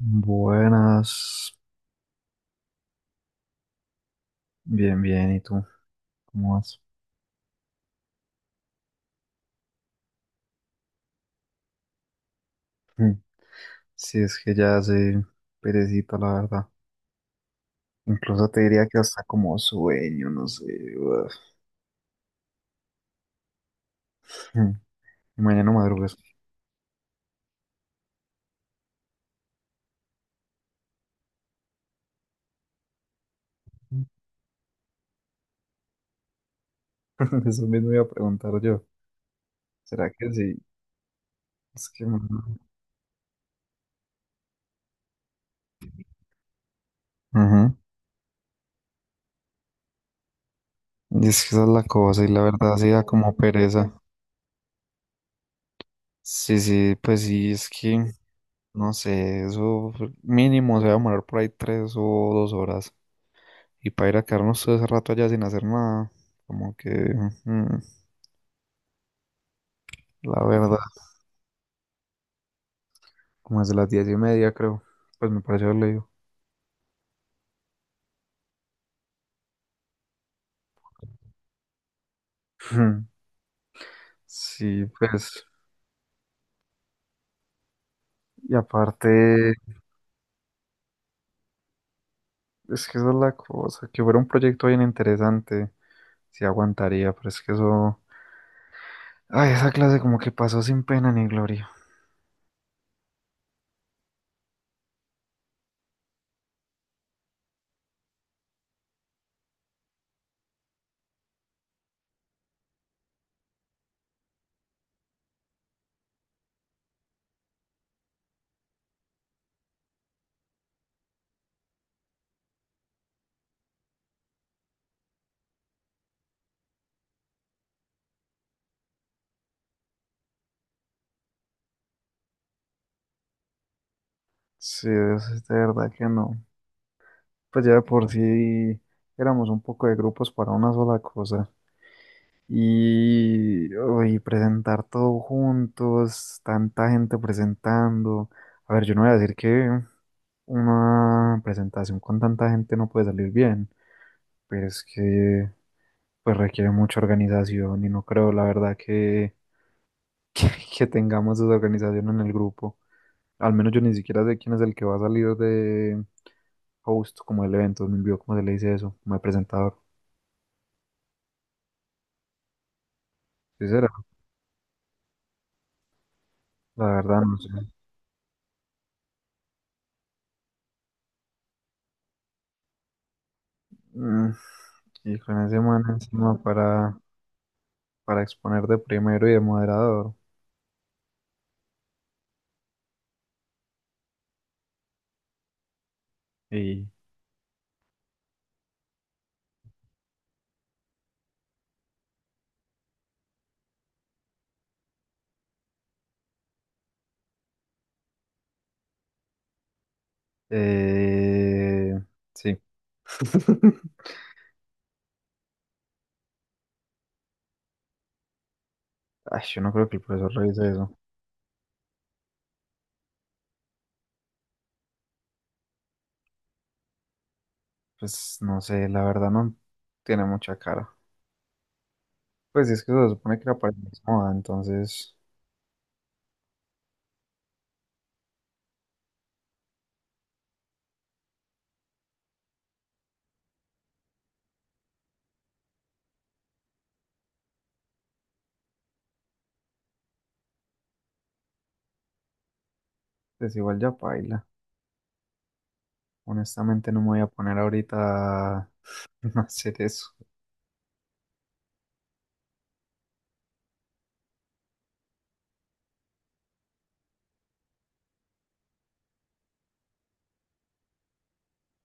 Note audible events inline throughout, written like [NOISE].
Buenas, bien, bien, ¿y tú? ¿Cómo vas? Mm. Si es que ya hace perecita, la verdad. Incluso te diría que hasta como sueño, no sé. Uf. Mm. Y mañana madrugas. [LAUGHS] Eso mismo iba a preguntar yo. ¿Será que sí? Es que. Ujú. Y es que esa es la cosa, y la verdad sí da como pereza. Sí, sí, pues sí, es que, no sé, eso mínimo se va a demorar por ahí 3 o 2 horas. Y para ir a quedarnos todo ese rato allá sin hacer nada, como que, mm, la verdad, como desde las 10:30 creo, pues me pareció haber leído. [LAUGHS] Sí, pues, y aparte, es que esa es la cosa, que fuera un proyecto bien interesante, sí aguantaría, pero es que eso, ay, esa clase como que pasó sin pena ni gloria. Sí, es de verdad que no. Pues ya de por sí éramos un poco de grupos para una sola cosa. Y uy, presentar todo juntos, tanta gente presentando. A ver, yo no voy a decir que una presentación con tanta gente no puede salir bien, pero es que pues requiere mucha organización y no creo, la verdad, que, [LAUGHS] que, que tengamos esa organización en el grupo. Al menos yo ni siquiera sé quién es el que va a salir de host como el evento, me envió como se le dice eso, como de presentador. Sí, será, la verdad, no sé. Mm, y con ese man encima para exponer de primero y de moderador. Y eh, sí. [LAUGHS] Ay, yo no creo que el profesor revise eso. Pues no sé, la verdad no tiene mucha cara. Pues es que se supone que era para el mismo moda, entonces pues igual ya paila. Honestamente no me voy a poner ahorita a [LAUGHS] hacer eso.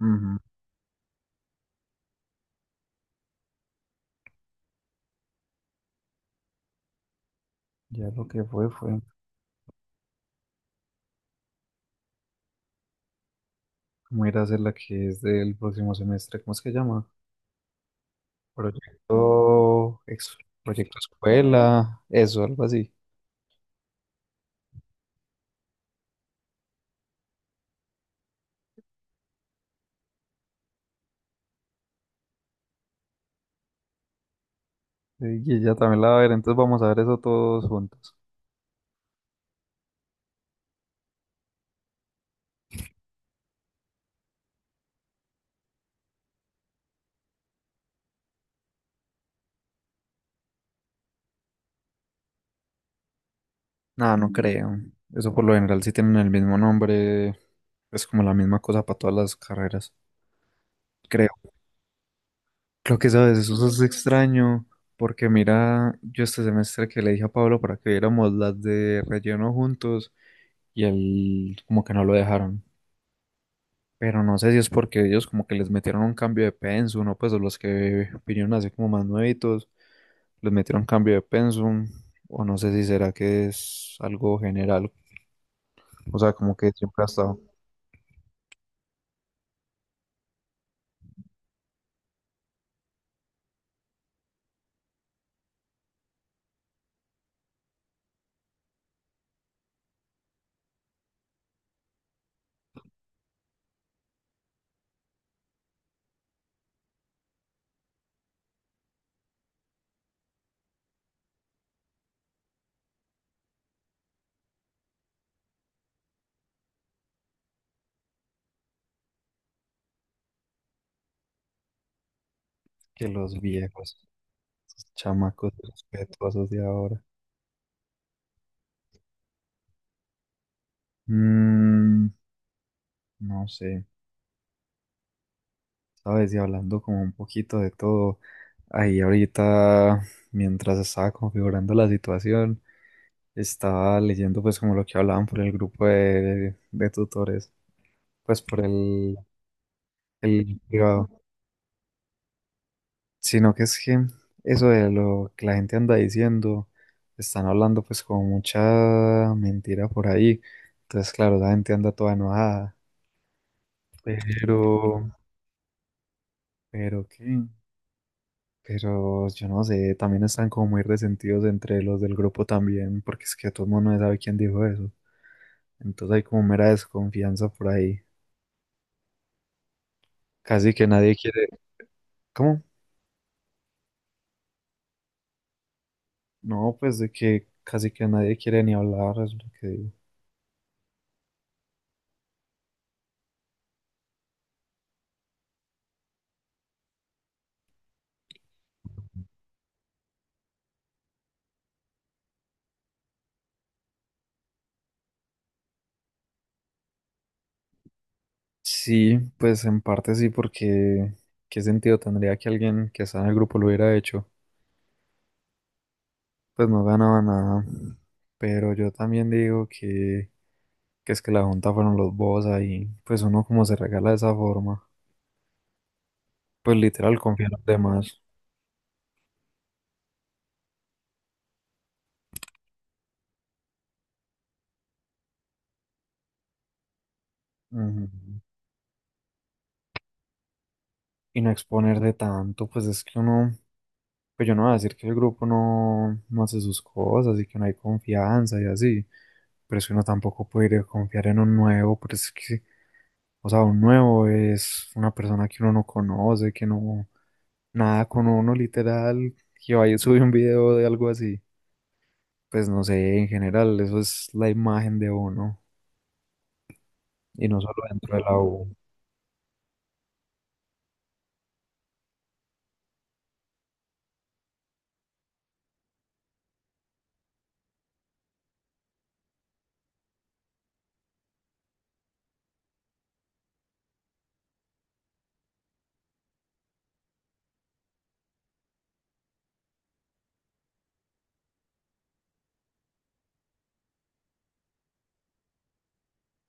Ujú. Ya lo que fue fue como ir a hacer la que es del próximo semestre. ¿Cómo es que llama? Proyecto, ex- proyecto escuela, eso, algo así. Y ella también la va a ver, entonces vamos a ver eso todos juntos. Nada, no creo. Eso por lo general sí tienen el mismo nombre, es como la misma cosa para todas las carreras, creo. Lo que sabes, eso es extraño, porque mira, yo este semestre que le dije a Pablo para que viéramos las de relleno juntos y él como que no lo dejaron. Pero no sé si es porque ellos como que les metieron un cambio de pensum, ¿no? Pues o los que vinieron así como más nuevitos, les metieron cambio de pensum, o no sé si será que es algo general, o sea, como que siempre ha estado que los viejos, esos chamacos respetuosos de ahora. Mm, no sé, sabes, y hablando como un poquito de todo, ahí ahorita, mientras estaba configurando la situación, estaba leyendo pues como lo que hablaban por el grupo de tutores. Pues por el privado, sino que es que eso de lo que la gente anda diciendo, están hablando pues con mucha mentira por ahí, entonces claro, la gente anda toda enojada, pero, pero qué, pero yo no sé, también están como muy resentidos entre los del grupo también, porque es que todo el mundo no sabe quién dijo eso, entonces hay como mera desconfianza por ahí, casi que nadie quiere, ¿cómo? No, pues de que casi que nadie quiere ni hablar, es lo que digo. Sí, pues en parte sí, porque ¿qué sentido tendría que alguien que está en el grupo lo hubiera hecho? Pues no ganaba nada. Pero yo también digo que es que la junta fueron los bobos ahí. Pues uno como se regala de esa forma. Pues literal confía en los demás. Ujú. Y no exponer de tanto, pues es que uno, pues yo no voy a decir que el grupo no, no hace sus cosas y que no hay confianza y así, pero es que uno tampoco puede ir a confiar en un nuevo, pero es que, o sea, un nuevo es una persona que uno no conoce, que no, nada con uno literal, que vaya y sube un video de algo así, pues no sé, en general, eso es la imagen de uno y no solo dentro de la U.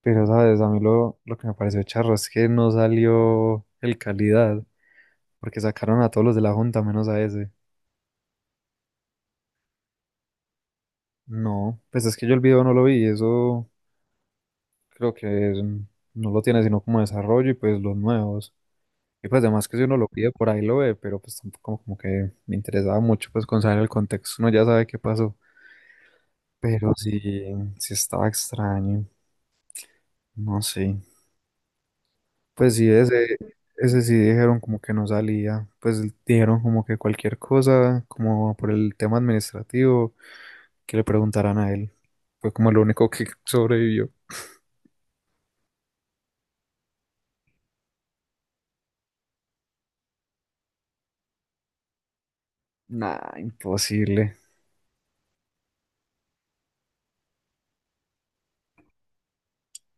Pero, ¿sabes? A mí lo que me pareció charro es que no salió el calidad, porque sacaron a todos los de la junta menos a ese. No, pues es que yo el video no lo vi, eso creo que no lo tiene sino como desarrollo y pues los nuevos. Y pues además que si uno lo pide por ahí lo ve, pero pues tampoco como que me interesaba mucho pues con saber el contexto, uno ya sabe qué pasó. Pero sí, sí estaba extraño, no sé. Pues sí, ese sí dijeron como que no salía, pues dijeron como que cualquier cosa, como por el tema administrativo, que le preguntaran a él. Fue como lo único que [LAUGHS] sobrevivió. Nah, imposible.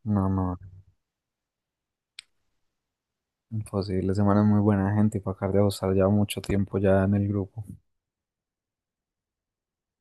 No, no, imposible. Semana es muy buena gente y para acá de estar ya mucho tiempo ya en el grupo.